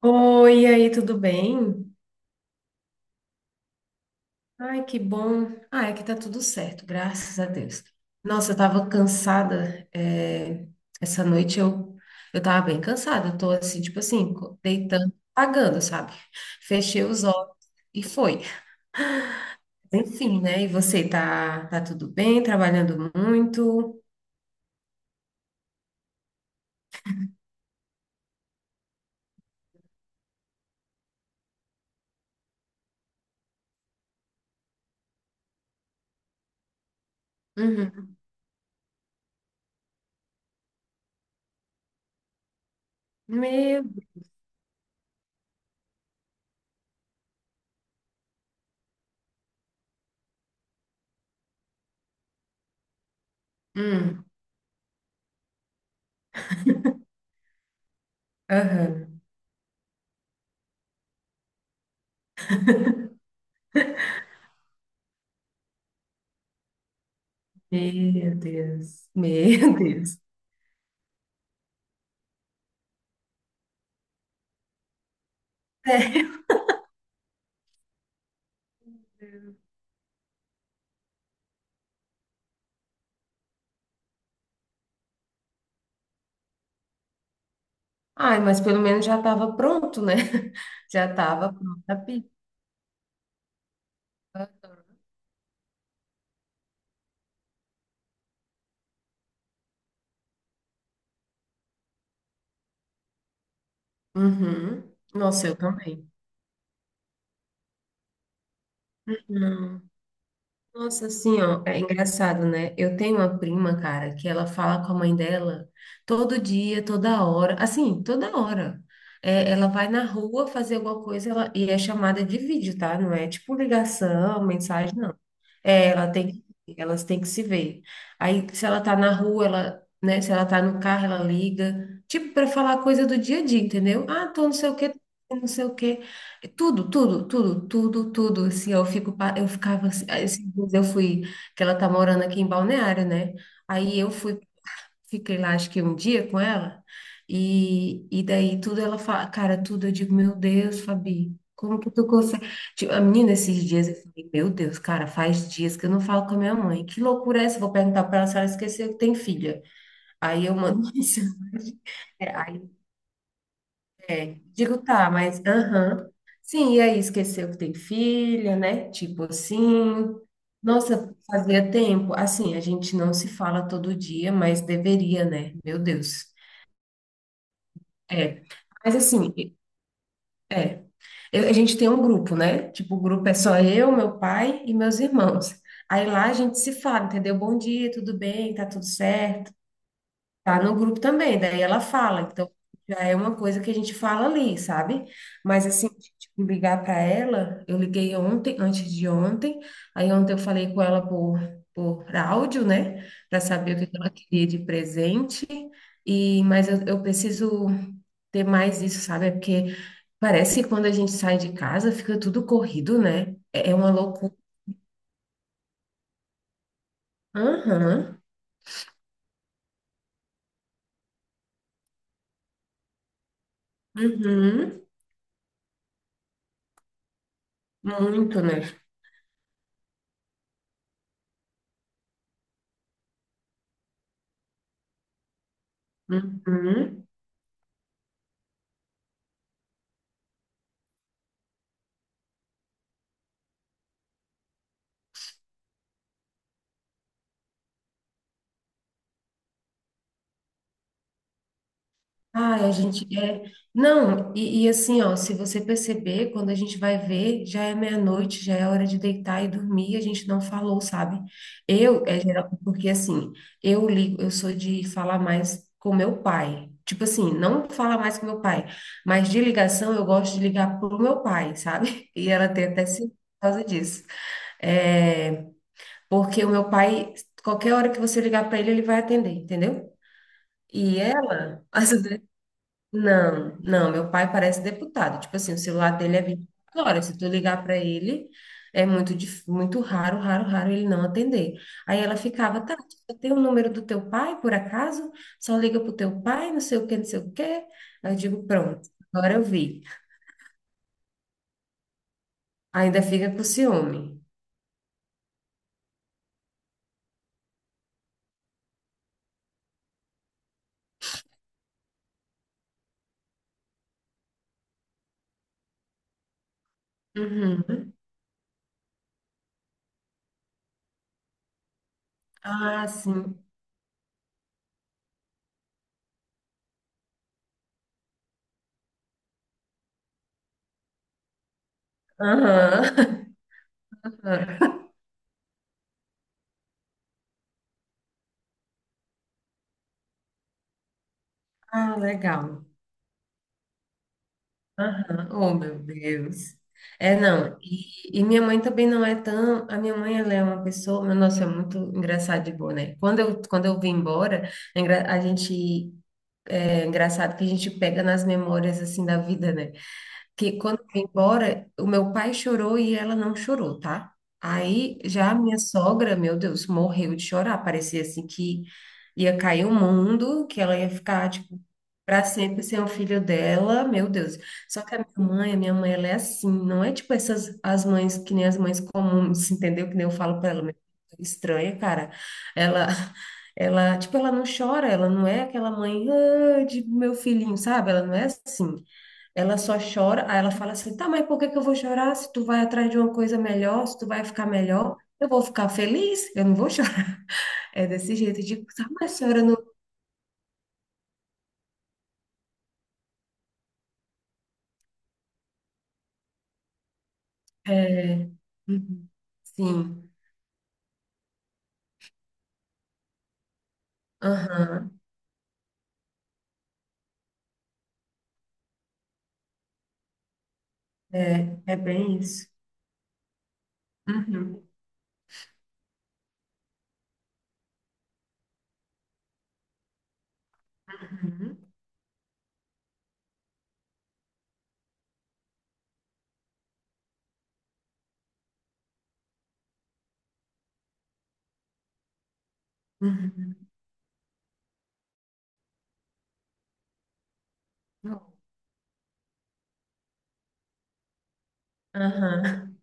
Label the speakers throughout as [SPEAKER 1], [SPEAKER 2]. [SPEAKER 1] Oi, e aí, tudo bem? Ai, que bom. Ah, aqui tá tudo certo, graças a Deus. Nossa, eu tava cansada. Essa noite eu tava bem cansada. Eu tô assim, tipo assim, deitando, apagando, sabe? Fechei os olhos e foi. Enfim, né? E você tá tudo bem, trabalhando muito? Uhum. Meu, hum, aham. Meu Deus, meu Deus. É. Ai, mas pelo menos já estava pronto, né? Já estava pronta a pizza. Uhum. Nossa, eu também. Não. Nossa, assim, ó, é engraçado, né? Eu tenho uma prima, cara, que ela fala com a mãe dela todo dia, toda hora, assim, toda hora. É, ela vai na rua fazer alguma coisa ela, e é chamada de vídeo, tá? Não é tipo ligação, mensagem, não. É, ela tem, elas têm que se ver. Aí, se ela tá na rua, ela, né? Se ela tá no carro, ela liga. Tipo, para falar coisa do dia a dia, entendeu? Ah, tô não sei o quê, tô não sei o quê. É tudo, tudo, tudo, tudo, tudo. Assim, eu fico, eu ficava assim, aí esses dias eu fui, que ela tá morando aqui em Balneário, né? Aí eu fui. Fiquei lá, acho que um dia com ela, e daí tudo ela fala, cara, tudo eu digo, meu Deus, Fabi, como que tu consegue? Tipo, a menina, esses dias eu falei, meu Deus, cara, faz dias que eu não falo com a minha mãe, que loucura é essa? Eu vou perguntar pra ela se ela esqueceu que tem filha. Aí eu mando mensagem, é, aí, digo, tá, aham. Sim, e aí esqueceu que tem filha, né? Tipo assim. Nossa, fazia tempo. Assim, a gente não se fala todo dia, mas deveria, né? Meu Deus. É. Mas assim, é. A gente tem um grupo, né? Tipo, o grupo é só eu, meu pai e meus irmãos. Aí lá a gente se fala, entendeu? Bom dia, tudo bem, tá tudo certo. Tá no grupo também, daí ela fala. Então, já é uma coisa que a gente fala ali, sabe? Mas assim, tipo, ligar para ela, eu liguei ontem, antes de ontem. Aí ontem eu falei com ela por áudio, né? Para saber o que que ela queria de presente. E mas eu preciso ter mais isso, sabe? É porque parece que quando a gente sai de casa fica tudo corrido, né? É uma loucura. Aham. Uhum. Muito, né? Uhum. Ai, a gente é. Não, e assim, ó, se você perceber, quando a gente vai ver, já é meia-noite, já é hora de deitar e dormir, a gente não falou, sabe? Eu, é geral, porque assim, eu ligo, eu sou de falar mais com meu pai. Tipo assim, não falar mais com meu pai, mas de ligação eu gosto de ligar pro meu pai, sabe? E ela tem até se por causa disso. É, porque o meu pai, qualquer hora que você ligar para ele, ele vai atender, entendeu? E ela, não, não, meu pai parece deputado. Tipo assim, o celular dele é 24 horas. Se tu ligar para ele, é muito, muito raro, raro, raro ele não atender. Aí ela ficava, tá, eu tenho o número do teu pai, por acaso? Só liga pro teu pai, não sei o que, não sei o que. Aí eu digo, pronto, agora eu vi. Ainda fica com ciúme. Uhum. Ah, sim. Aham. Ah, legal. Aham. Oh, meu Deus. É, não. E minha mãe também não é tão. A minha mãe, ela é uma pessoa. Meu, nossa, é muito engraçado de boa, né? Quando quando eu vim embora, a gente. É engraçado que a gente pega nas memórias, assim, da vida, né? Que quando eu fui embora, o meu pai chorou e ela não chorou, tá? Aí já a minha sogra, meu Deus, morreu de chorar. Parecia assim que ia cair o mundo, que ela ia ficar, tipo, para sempre sem o filho dela, meu Deus. Só que a minha mãe, ela é assim, não é tipo essas as mães que nem as mães comuns, entendeu? Que nem eu falo para ela, "Meu Deus, estranha, cara. Ela Ela, tipo, ela não chora, ela não é aquela mãe, ah, de meu filhinho, sabe? Ela não é assim. Ela só chora, aí ela fala assim: tá, mas por que que eu vou chorar? Se tu vai atrás de uma coisa melhor, se tu vai ficar melhor, eu vou ficar feliz, eu não vou chorar. É desse jeito, eu digo, tá, mas a senhora não. É... uhum, sim, aham, é, é bem isso. Uhum, uhum, uhum. Não, aham,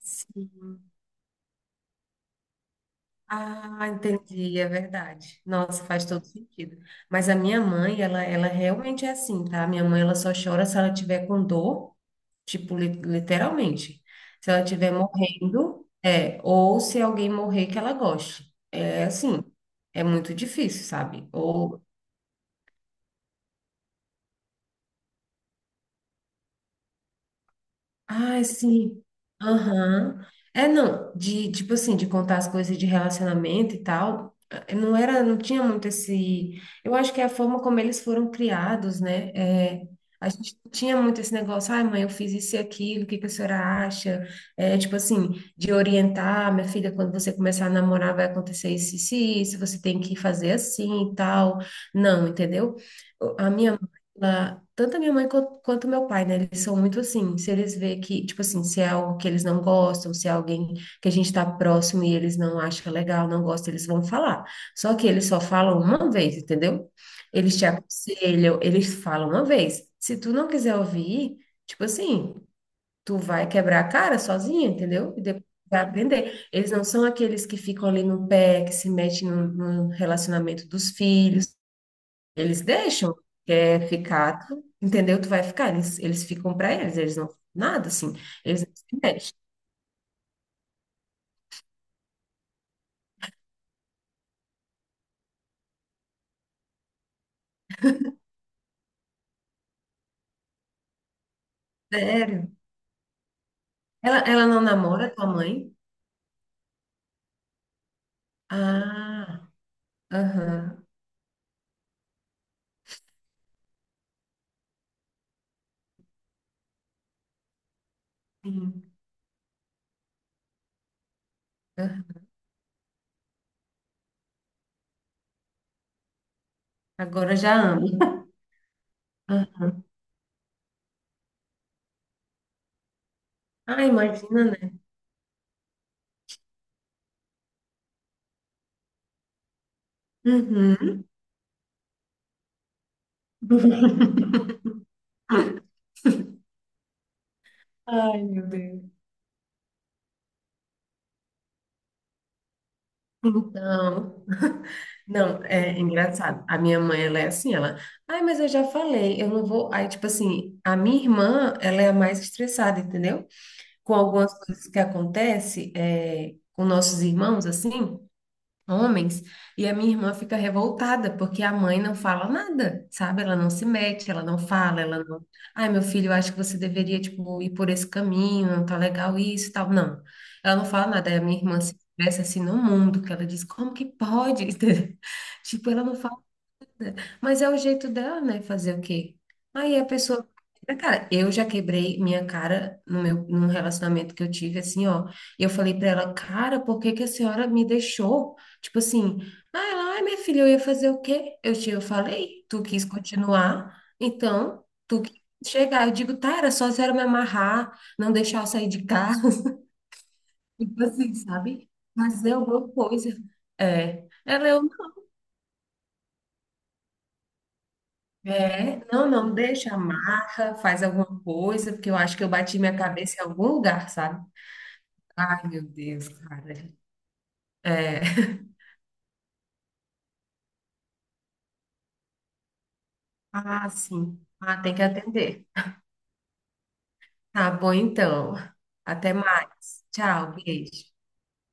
[SPEAKER 1] sim. Ah, entendi, é verdade. Nossa, faz todo sentido. Mas a minha ela realmente é assim, tá? Minha mãe, ela só chora se ela tiver com dor. Tipo, literalmente. Se ela estiver morrendo, é, ou se alguém morrer que ela goste. É assim, é muito difícil, sabe? Ou ah, sim. Aham. É, não, de, tipo assim, de contar as coisas de relacionamento e tal, não era, não tinha muito esse, eu acho que é a forma como eles foram criados, né, é, a gente não tinha muito esse negócio, ai mãe, eu fiz isso e aquilo, o que que a senhora acha? É, tipo assim, de orientar, minha filha, quando você começar a namorar vai acontecer isso, isso, e isso, você tem que fazer assim e tal, não, entendeu? A minha tanto a minha mãe quanto meu pai, né? Eles são muito assim, se eles vê que, tipo assim, se é algo que eles não gostam, se é alguém que a gente tá próximo e eles não acham legal, não gostam, eles vão falar. Só que eles só falam uma vez, entendeu? Eles te aconselham, eles falam uma vez. Se tu não quiser ouvir, tipo assim, tu vai quebrar a cara sozinha, entendeu? E depois vai aprender. Eles não são aqueles que ficam ali no pé, que se metem no relacionamento dos filhos. Eles deixam, quer ficar, entendeu? Tu vai ficar. Eles ficam pra eles, eles não nada assim. Eles não se mexem. Sério? Ela não namora tua mãe? Ah, aham, sim. Aham. Agora já amo. Ah, ah, imagina, né? Uhum. Ai, meu Deus. Então, não, é engraçado. A minha mãe, ela é assim, ela, ai, mas eu já falei, eu não vou. Aí, tipo assim, a minha irmã, ela é a mais estressada, entendeu? Com algumas coisas que acontecem é, com nossos irmãos, assim, homens, e a minha irmã fica revoltada, porque a mãe não fala nada, sabe? Ela não se mete, ela não fala, ela não. Ai, meu filho, eu acho que você deveria, tipo, ir por esse caminho, não tá legal isso e tal. Não, ela não fala nada. Aí a minha irmã se expressa assim no mundo, que ela diz, como que pode? Tipo, ela não fala. Mas é o jeito dela, né? Fazer o quê? Aí a pessoa. Cara, eu já quebrei minha cara no meu, num relacionamento que eu tive, assim, ó. E eu falei pra ela, cara, por que que a senhora me deixou? Tipo assim, ah, ela, ai, minha filha, eu ia fazer o quê? Eu falei, tu quis continuar, então tu quis chegar. Eu digo, tá, era só a senhora me amarrar, não deixar eu sair de casa, tipo assim, sabe? Fazer alguma coisa. É. Ela, eu. É, não, não, deixa, amarra, faz alguma coisa, porque eu acho que eu bati minha cabeça em algum lugar, sabe? Ai, meu Deus, cara. É. Ah, sim. Ah, tem que atender. Tá bom, então. Até mais. Tchau, beijo.